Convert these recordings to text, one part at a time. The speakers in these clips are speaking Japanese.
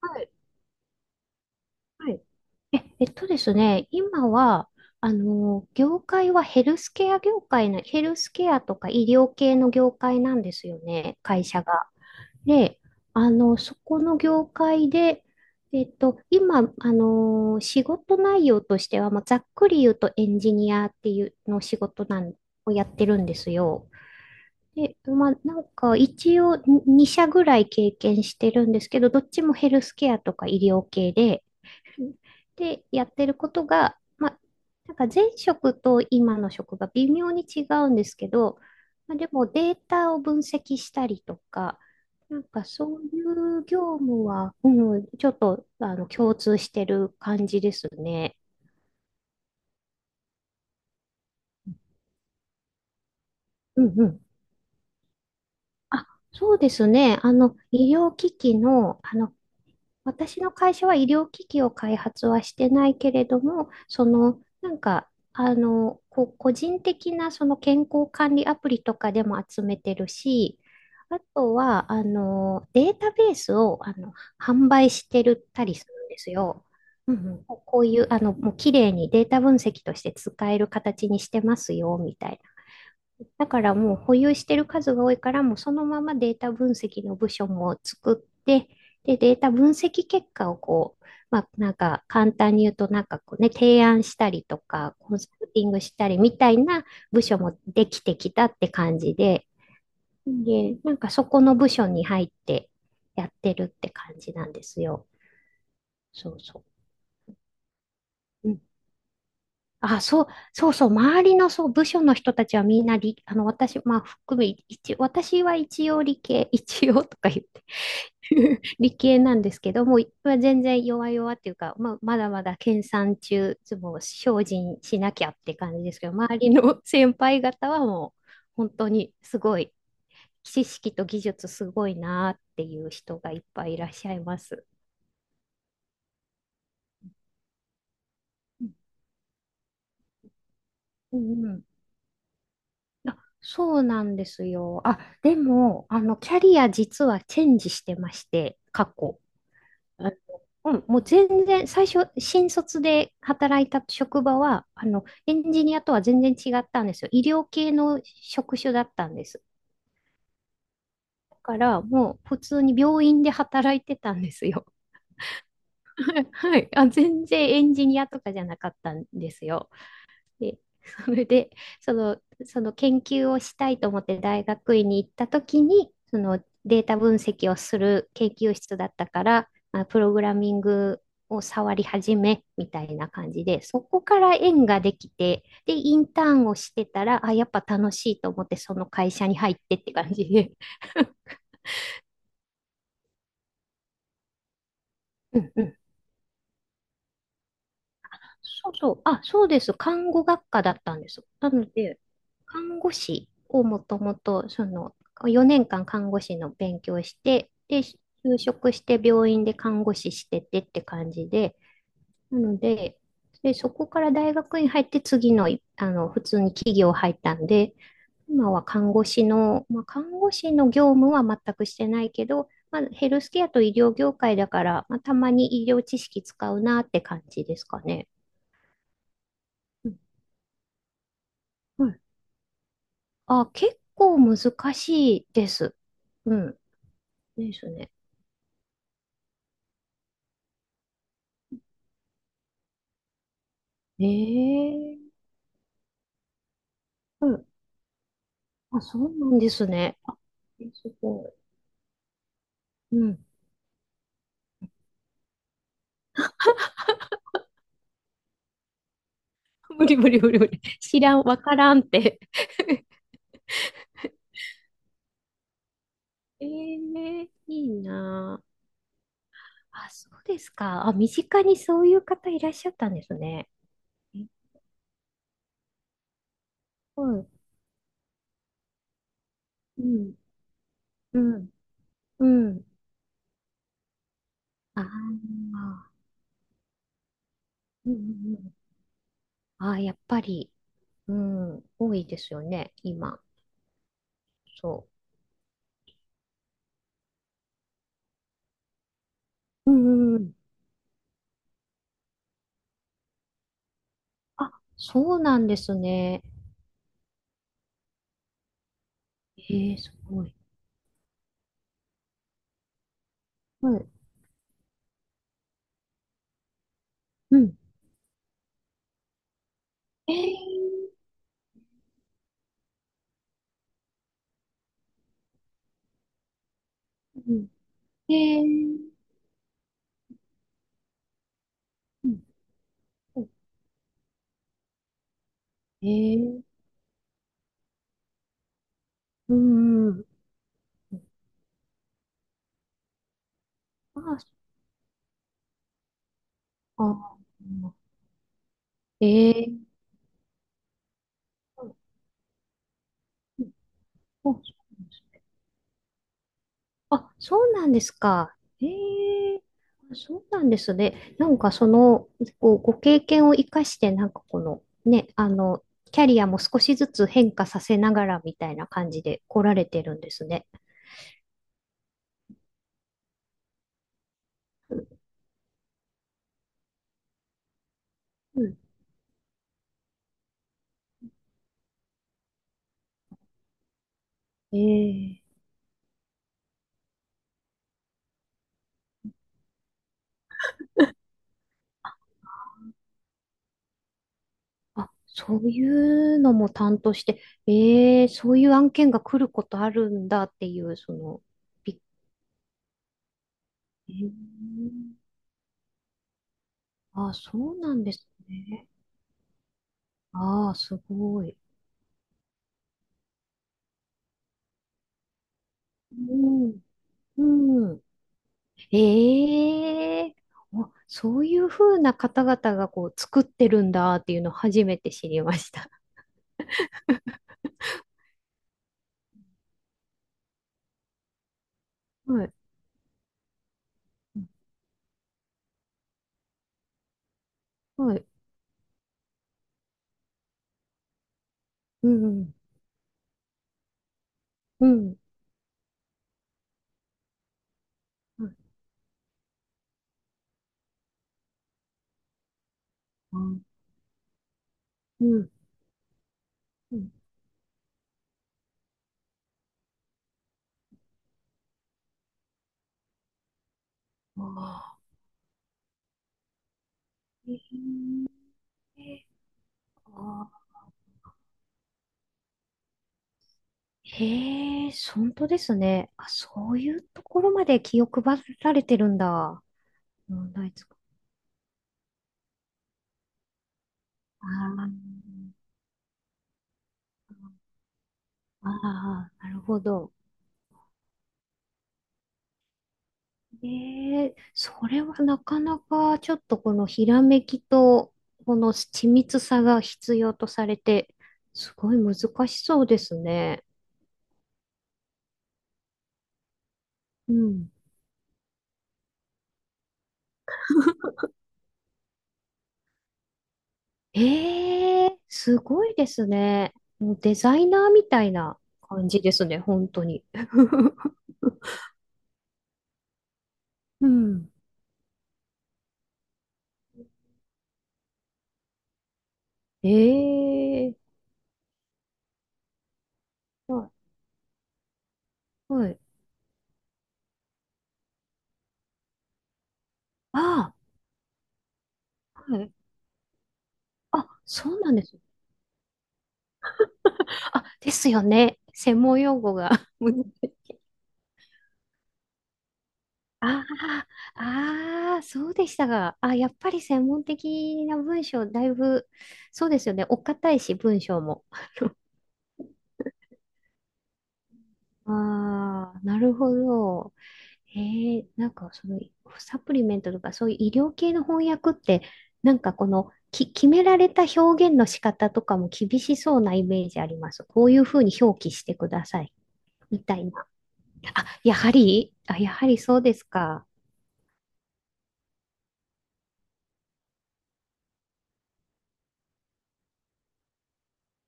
はい。はい。え、えっとですね、今は、業界はヘルスケア業界な、ヘルスケアとか医療系の業界なんですよね、会社が。で、そこの業界で、今、仕事内容としては、ざっくり言うとエンジニアっていうの仕事なんをやってるんですよ。で、一応2社ぐらい経験してるんですけど、どっちもヘルスケアとか医療系で、で、やってることが、前職と今の職が微妙に違うんですけど、でもデータを分析したりとか、そういう業務は、うん、ちょっとあの共通してる感じですね。うんうん。あ、そうですね。医療機器の、私の会社は医療機器を開発はしてないけれども、個人的なその健康管理アプリとかでも集めてるし、あとは、データベースを、販売してるったりするんですよ。うんうん、こういう、もう綺麗にデータ分析として使える形にしてますよ、みたいだからもう保有してる数が多いから、もうそのままデータ分析の部署も作って、で、データ分析結果をこう、簡単に言うと、こうね、提案したりとか、コンサルティングしたりみたいな部署もできてきたって感じで、で、そこの部署に入ってやってるって感じなんですよ。そうそう。うん。あ、そう、そうそう、周りのそう、部署の人たちはみんな理、私、まあ、含め、私は一応理系、一応とか言って 理系なんですけど、もう、まあ全然弱々っていうか、まあ、まだまだ研鑽中、もう精進しなきゃって感じですけど、周りの 先輩方はもう、本当にすごい、知識と技術すごいなっていう人がいっぱいいらっしゃいます。うんうん。あ、そうなんですよ。あ、でも、キャリア実はチェンジしてまして、過去。あ、うん、もう全然、最初、新卒で働いた職場は、エンジニアとは全然違ったんですよ。医療系の職種だったんです。だから、もう普通に病院で働いてたんですよ。はい。あ、全然エンジニアとかじゃなかったんですよ。で、それで、その研究をしたいと思って大学院に行った時に、そのデータ分析をする研究室だったから、まあ、プログラミングを触り始めみたいな感じで、そこから縁ができて、で、インターンをしてたら、あ、やっぱ楽しいと思って、その会社に入ってって感じで。うんうん。そうそう。あ、そうです。看護学科だったんです。なので、看護師をもともと、4年間看護師の勉強して、で、就職して病院で看護師しててって感じで、なので、で、そこから大学に入って次の、普通に企業入ったんで、今は看護師の、看護師の業務は全くしてないけど、まあ、ヘルスケアと医療業界だから、まあ、たまに医療知識使うなって感じですかね。うん、はい。あ、結構難しいです。うん。ですね。ええ。うん。あ、そうなんですね。あ、すごい。うん。無理無理無理無理。知らん、わからんって。ええ、いいなあ。あ、そうですか。あ、身近にそういう方いらっしゃったんですね。え、うん、うん、うん、うん。ああ、うん、うん、うん。ああ、やっぱり、うん、多いですよね、今。そう。うん、うん、うん。あ、そうなんですね。ええ、すごい。はい。うん。えー、うん。えー、うん。えー、うん。うん。あ、そっか。えー、うん。うん。あ、そうなんです。あ、そうなんですか。ええ、そうなんですね。その、こう、ご経験を生かして、この、ね、キャリアも少しずつ変化させながらみたいな感じで来られてるんですね。うん。ええ、あ、そういうのも担当して、えー、そういう案件が来ることあるんだっていう、その、び、えー、あ、そうなんですね。ああ、すごい。うん、うん。ええ、お、そういうふうな方々がこう作ってるんだっていうのを初めて知りました。はい。はい。うん。うん。うん。うん。うん。ああ。ええ、ああ。へえ、本当ですね。あ、そういうところまで気を配られてるんだ。問題つく。ああ、ああ、なるほど。ええ、それはなかなかちょっとこのひらめきとこの緻密さが必要とされて、すごい難しそうですね。うん。ええ、すごいですね。もうデザイナーみたいな感じですね、本当に。うん。ええ、はい。はい。ああ、はい。あ、そうなんです。あ、ですよね。専門用語が。難しい。ああ、ああ、そうでしたが。あ、やっぱり専門的な文章、だいぶ、そうですよね。お堅いし、文章も。ああ、なるほど。へえ、そのサプリメントとかそういう医療系の翻訳って、この決められた表現の仕方とかも厳しそうなイメージあります。こういうふうに表記してくださいみたいな。あ、やはり、あ、やはりそうですか。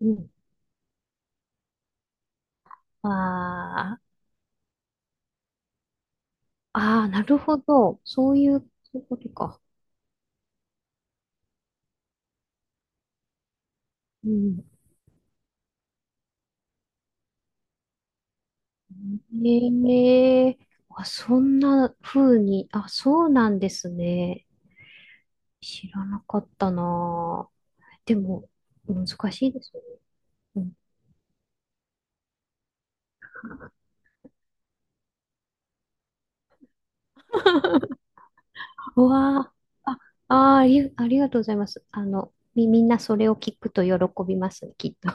うん。ああ、ああ、なるほど。そういう、そういうことか。うん。ええ、あ、そんな風に、あ、そうなんですね。知らなかったなあ。でも、難しいですよね。うん、うわあ、あ、あー、あり、ありがとうございます。み、みんなそれを聞くと喜びますね、きっとね。